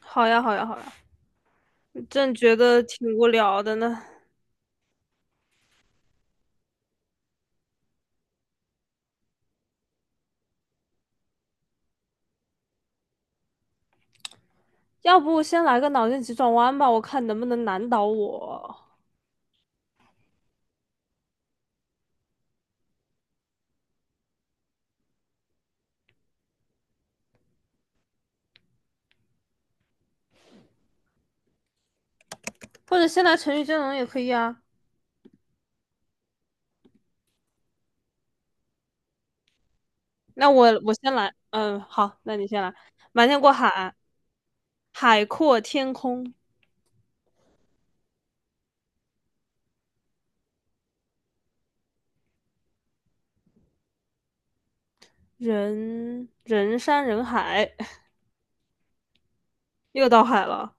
好呀，好呀，好呀，正觉得挺无聊的呢。要不先来个脑筋急转弯吧，我看能不能难倒我。或者先来成语接龙也可以啊。那我先来，嗯，好，那你先来。瞒天过海，海阔天空，人山人海，又到海了。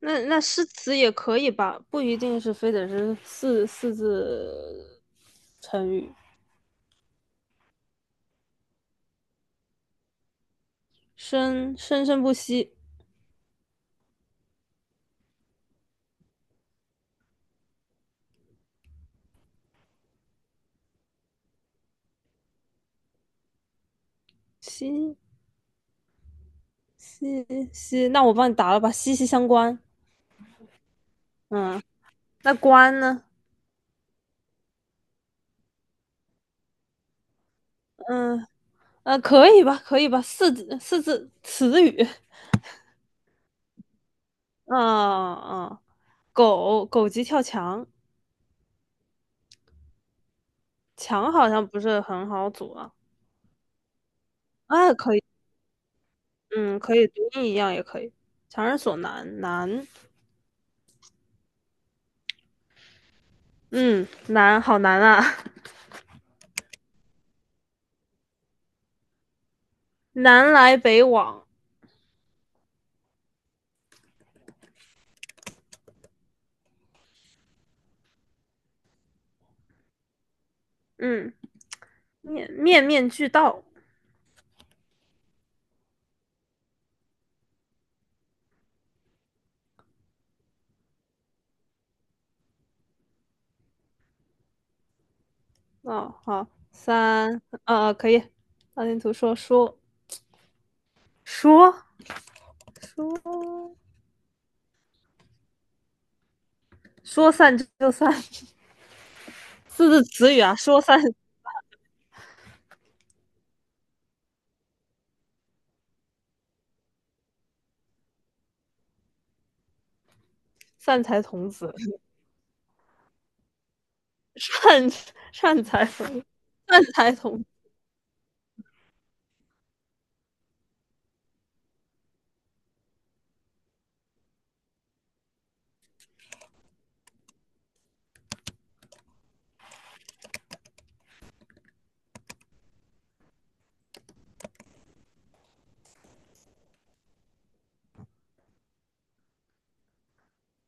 那诗词也可以吧，不一定是非得是四字成语。生生不息，息息息，那我帮你答了吧，息息相关。嗯，那关呢？嗯可以吧，可以吧，四字词语。嗯嗯，狗急跳墙，墙好像不是很好组啊。啊，可以，嗯，可以，读音一样也可以。强人所难，难，嗯，难，好难啊，南来北往，嗯，面面俱到。哦，好，可以，大地图说说说。说说散就散，四字词语啊，散财童子，散散财童，善财童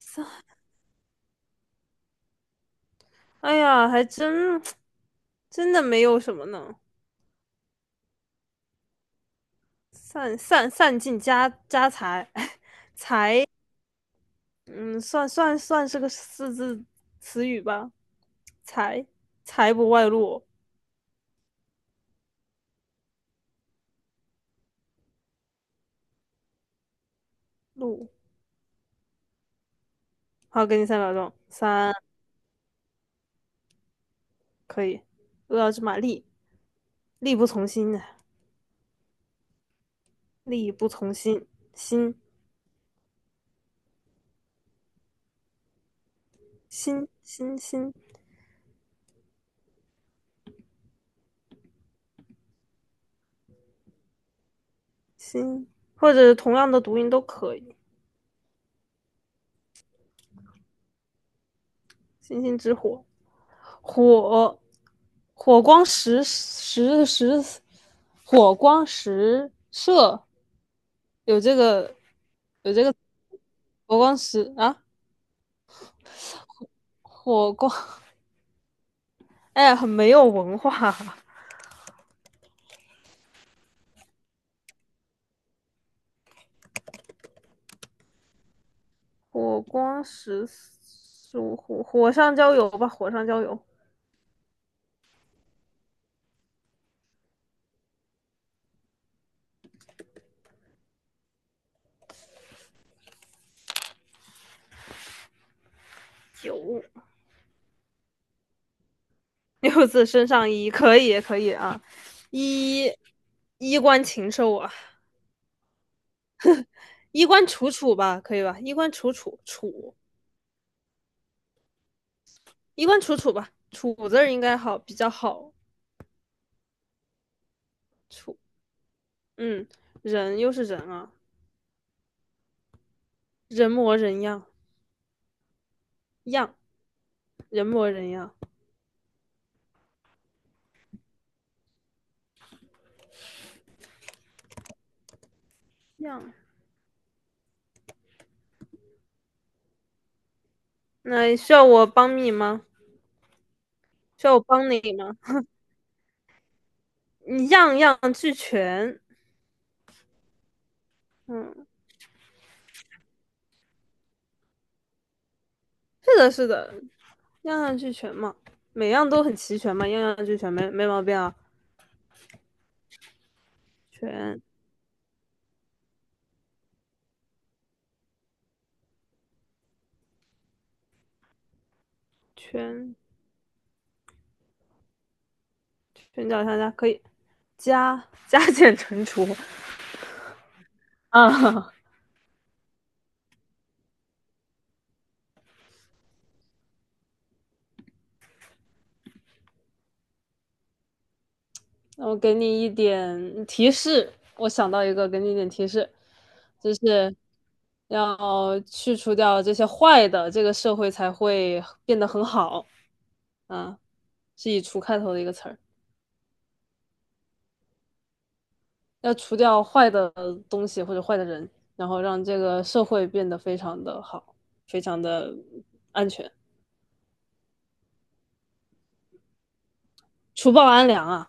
子。哎呀，还真的没有什么呢，散尽家财，嗯，算是个四字词语吧，财财不外露露。好，给你三秒钟，可以。饿要知马力，力不从心啊力不从心，心星星星星，或者同样的读音都可以。星星之火，火，火光石石石，火光石射，有这个有这个火光石啊，火光，哎很没有文化。火光石，火上浇油吧，火上浇油。九 六字身上衣，可以可以啊，衣衣冠禽兽啊，衣冠楚楚，衣冠楚楚吧，楚字儿应该好比较好楚，嗯，人又是人啊，人模人样样，人模人样样，那需要我帮你吗？需要我帮你吗？你样样俱全，嗯，是的，是的，样样俱全嘛，每样都很齐全嘛，样样俱全没毛病啊，全全。寻找商家可以加减乘除 啊，那我给你一点提示，我想到一个，给你一点提示，就是要去除掉这些坏的，这个社会才会变得很好。啊，是以"除"开头的一个词儿，要除掉坏的东西或者坏的人，然后让这个社会变得非常的好，非常的安全，除暴安良啊。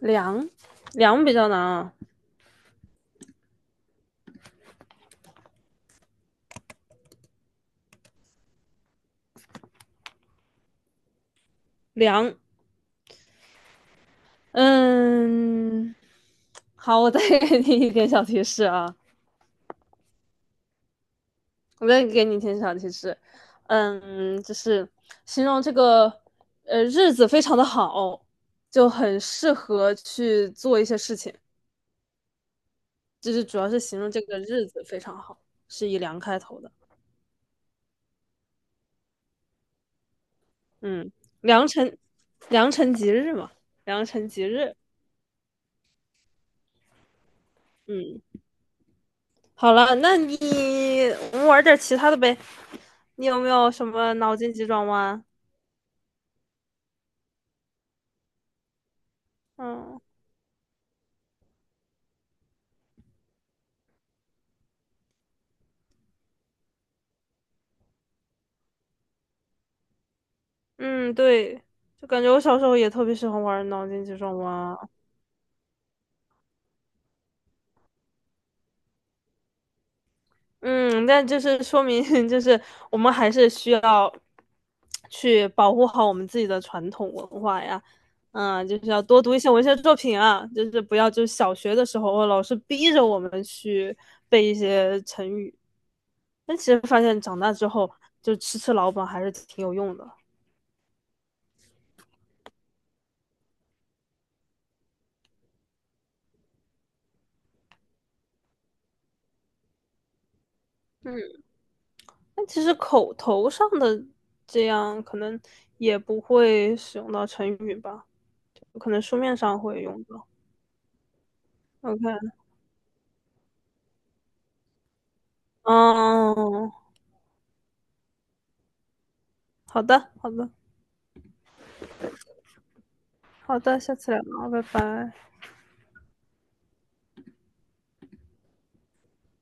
良，良比较难啊，良嗯，好，我再给你一点小提示啊，我再给你一点小提示，嗯，就是形容这个日子非常的好，就很适合去做一些事情，就是主要是形容这个日子非常好，是以良开头的，嗯，良辰良辰吉日嘛，良辰吉日，嗯，好了，我们玩点其他的呗，你有没有什么脑筋急转弯？嗯。嗯，对，就感觉我小时候也特别喜欢玩脑筋急转弯啊。嗯，但就是说明，就是我们还是需要去保护好我们自己的传统文化呀。嗯，就是要多读一些文学作品啊，就是不要就小学的时候老师逼着我们去背一些成语。但其实发现长大之后，就吃老本还是挺有用的。但其实口头上的这样可能也不会使用到成语吧，可能书面上会用到。OK，嗯，好的，好的，好的，下次聊，拜拜。